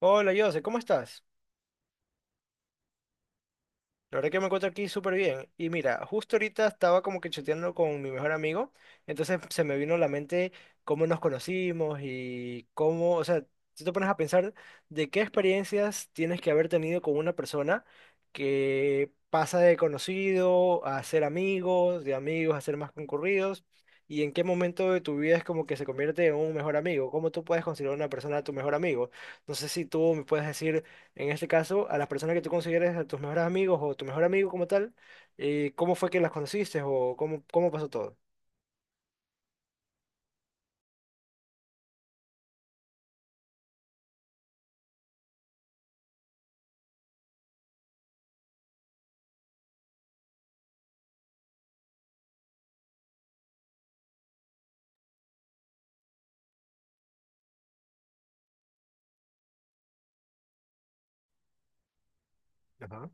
Hola, Jose, ¿cómo estás? La verdad que me encuentro aquí súper bien. Y mira, justo ahorita estaba como que chateando con mi mejor amigo, entonces se me vino a la mente cómo nos conocimos y cómo, o sea, si te pones a pensar de qué experiencias tienes que haber tenido con una persona que pasa de conocido a ser amigos, de amigos a ser más concurridos, y en qué momento de tu vida es como que se convierte en un mejor amigo, cómo tú puedes considerar a una persona tu mejor amigo. No sé si tú me puedes decir en este caso, a las personas que tú consideres a tus mejores amigos o tu mejor amigo como tal, ¿cómo fue que las conociste o cómo pasó todo? Ajá,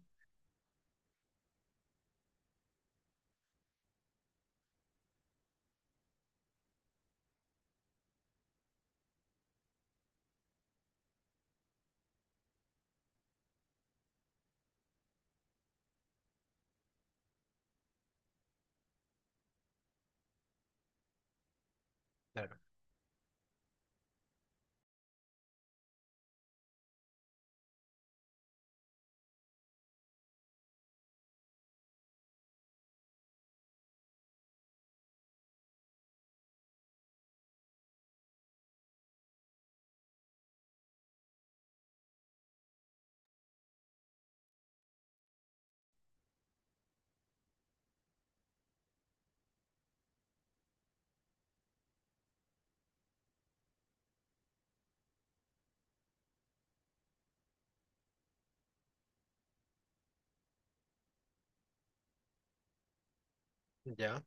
claro. Ya.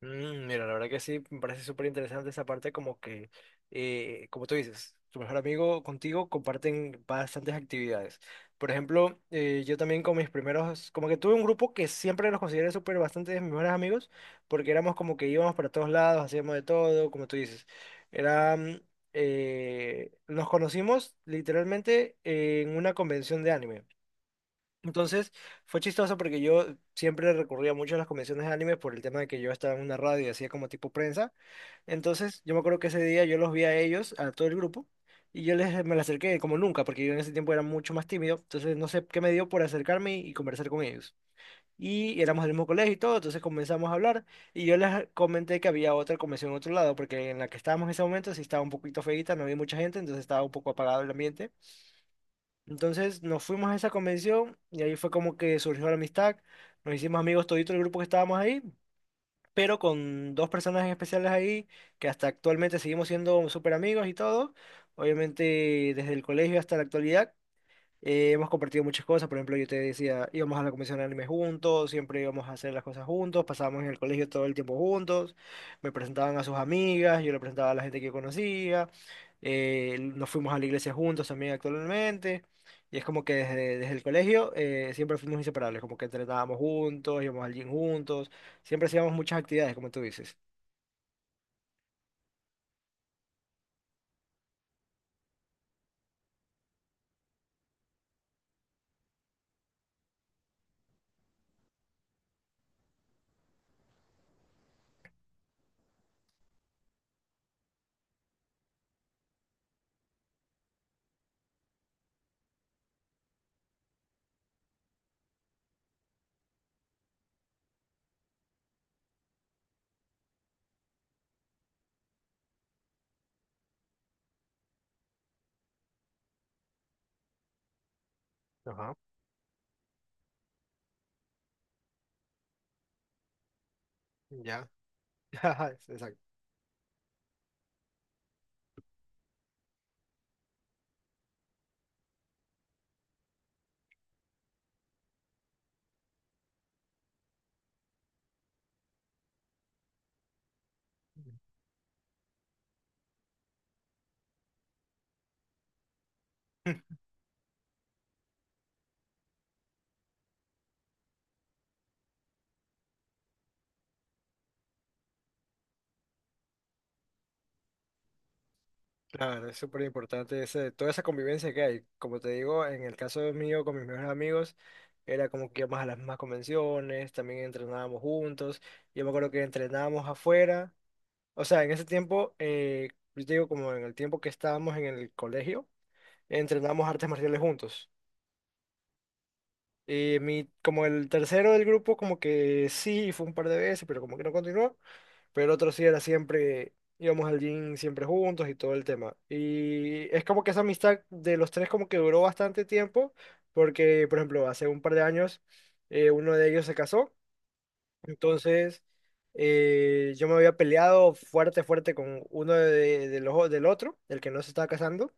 Mira, la verdad que sí, me parece súper interesante esa parte, como que, como tú dices, tu mejor amigo contigo comparten bastantes actividades. Por ejemplo, yo también con mis primeros, como que tuve un grupo que siempre los consideré súper bastante de mis mejores amigos, porque éramos como que íbamos para todos lados, hacíamos de todo, como tú dices. Era, mm, Nos conocimos literalmente en una convención de anime. Entonces, fue chistoso porque yo siempre recurría mucho a las convenciones de anime por el tema de que yo estaba en una radio y hacía como tipo prensa. Entonces, yo me acuerdo que ese día yo los vi a ellos, a todo el grupo, y me les acerqué como nunca, porque yo en ese tiempo era mucho más tímido. Entonces, no sé qué me dio por acercarme y conversar con ellos. Y éramos del mismo colegio y todo, entonces comenzamos a hablar. Y yo les comenté que había otra convención en otro lado, porque en la que estábamos en ese momento sí estaba un poquito feita, no había mucha gente, entonces estaba un poco apagado el ambiente. Entonces nos fuimos a esa convención y ahí fue como que surgió la amistad. Nos hicimos amigos todito el grupo que estábamos ahí, pero con dos personas en especiales ahí que hasta actualmente seguimos siendo súper amigos y todo. Obviamente desde el colegio hasta la actualidad hemos compartido muchas cosas. Por ejemplo, yo te decía, íbamos a la convención de anime juntos, siempre íbamos a hacer las cosas juntos, pasábamos en el colegio todo el tiempo juntos, me presentaban a sus amigas, yo le presentaba a la gente que yo conocía, nos fuimos a la iglesia juntos también actualmente. Y es como que desde el colegio siempre fuimos inseparables, como que entrenábamos juntos, íbamos al gym juntos, siempre hacíamos muchas actividades, como tú dices. Ajá, ya. Ajá, Exacto. Claro, es súper importante ese, toda esa convivencia que hay. Como te digo, en el caso mío con mis mejores amigos, era como que íbamos a las mismas convenciones, también entrenábamos juntos. Yo me acuerdo que entrenábamos afuera. O sea, en ese tiempo, yo te digo, como en el tiempo que estábamos en el colegio, entrenábamos artes marciales juntos. Y mi, como el tercero del grupo, como que sí, fue un par de veces, pero como que no continuó. Pero el otro sí era siempre, íbamos al gym siempre juntos y todo el tema. Y es como que esa amistad de los tres como que duró bastante tiempo, porque, por ejemplo, hace un par de años, uno de ellos se casó. Entonces, yo me había peleado fuerte, fuerte con uno de, del otro, el que no se estaba casando.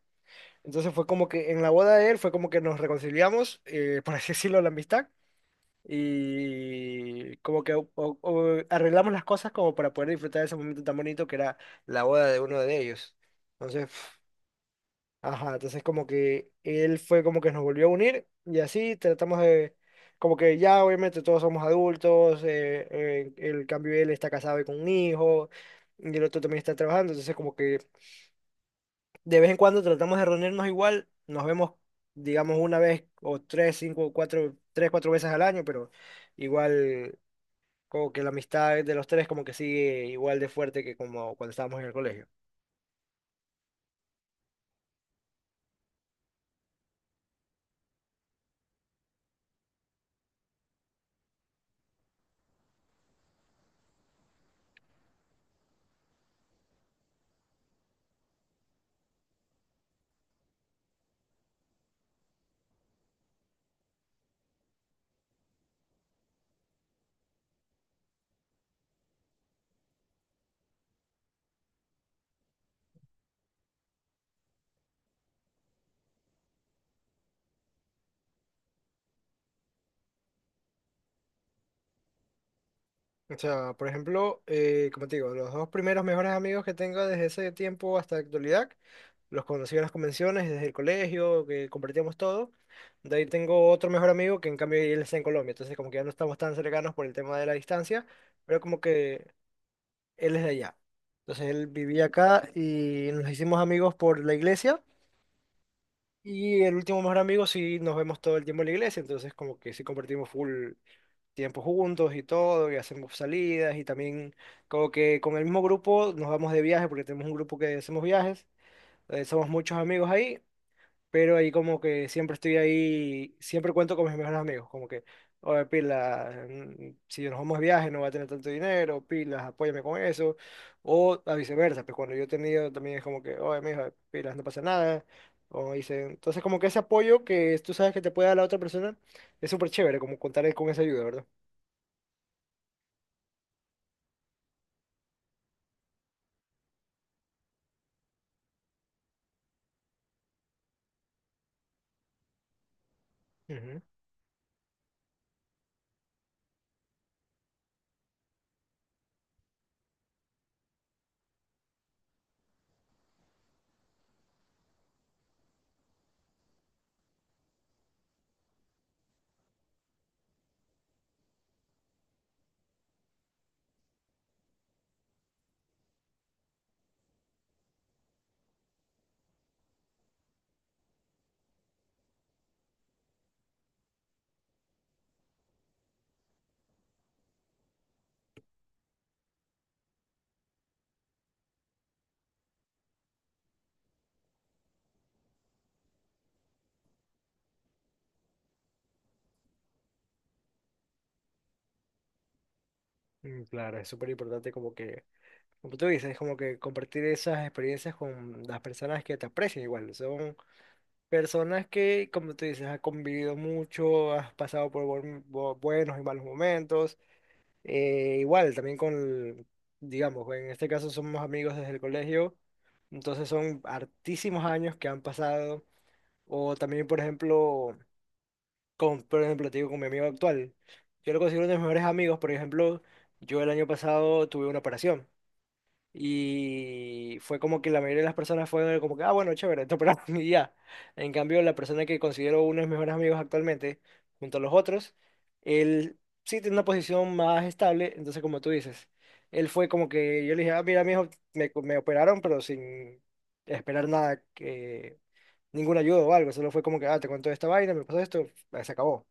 Entonces fue como que en la boda de él fue como que nos reconciliamos, por así decirlo, la amistad. Y como que o arreglamos las cosas como para poder disfrutar de ese momento tan bonito que era la boda de uno de ellos. Entonces, ajá, entonces como que él fue como que nos volvió a unir y así tratamos de, como que ya obviamente todos somos adultos, el cambio él está casado y con un hijo y el otro también está trabajando, entonces como que de vez en cuando tratamos de reunirnos igual, nos vemos digamos una vez o tres, cinco, cuatro, tres, cuatro veces al año, pero igual como que la amistad de los tres como que sigue igual de fuerte que como cuando estábamos en el colegio. O sea, por ejemplo, como te digo, los dos primeros mejores amigos que tengo desde ese tiempo hasta la actualidad, los conocí en las convenciones, desde el colegio, que compartíamos todo. De ahí tengo otro mejor amigo que en cambio él está en Colombia, entonces como que ya no estamos tan cercanos por el tema de la distancia, pero como que él es de allá. Entonces él vivía acá y nos hicimos amigos por la iglesia y el último mejor amigo sí nos vemos todo el tiempo en la iglesia, entonces como que sí compartimos full tiempo juntos y todo, y hacemos salidas y también como que con el mismo grupo nos vamos de viaje porque tenemos un grupo que hacemos viajes, somos muchos amigos ahí pero ahí como que siempre estoy ahí, siempre cuento con mis mejores amigos, como que, oye, pila, si nos vamos de viaje no va a tener tanto dinero, pilas, apóyame con eso, o a viceversa, pues cuando yo he tenido también es como que, oye, mijo, pilas, no pasa nada, o dice entonces como que ese apoyo que tú sabes que te puede dar la otra persona es súper chévere, como contar con esa ayuda, ¿verdad? Ujú. Claro, es súper importante como que, como tú dices, como que compartir esas experiencias con las personas que te aprecian igual, son personas que, como tú dices, has convivido mucho, has pasado por buenos y malos momentos. Eh, igual, también digamos, en este caso somos amigos desde el colegio, entonces son hartísimos años que han pasado. O también, por ejemplo, por ejemplo, te digo, con mi amigo actual. Yo lo considero uno de mis mejores amigos, por ejemplo, yo el año pasado tuve una operación. Y fue como que la mayoría de las personas fueron como que, ah, bueno, chévere, esto para mí y ya. En cambio, la persona que considero uno de mis mejores amigos actualmente, junto a los otros, él sí tiene una posición más estable, entonces como tú dices, él fue como que yo le dije, ah, mira, mijo, me operaron, pero sin esperar nada, que, ningún ayuda o algo, solo fue como que, ah, te cuento esta vaina, me pasó esto, ah, se acabó.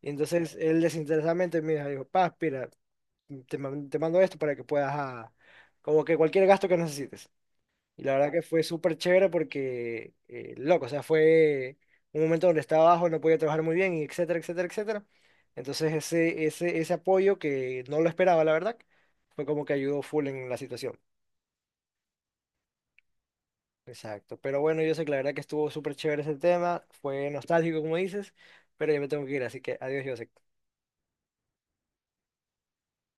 Y entonces él desinteresadamente me dijo, paz, mira, te mando esto para que puedas, ah, como que cualquier gasto que necesites. Y la verdad que fue súper chévere porque, loco, o sea, fue un momento donde estaba abajo, no podía trabajar muy bien, y etcétera, etcétera, etcétera. Entonces ese apoyo que no lo esperaba, la verdad, fue como que ayudó full en la situación. Exacto. Pero bueno, yo sé que la verdad que estuvo súper chévere ese tema, fue nostálgico, como dices, pero ya me tengo que ir, así que adiós, José.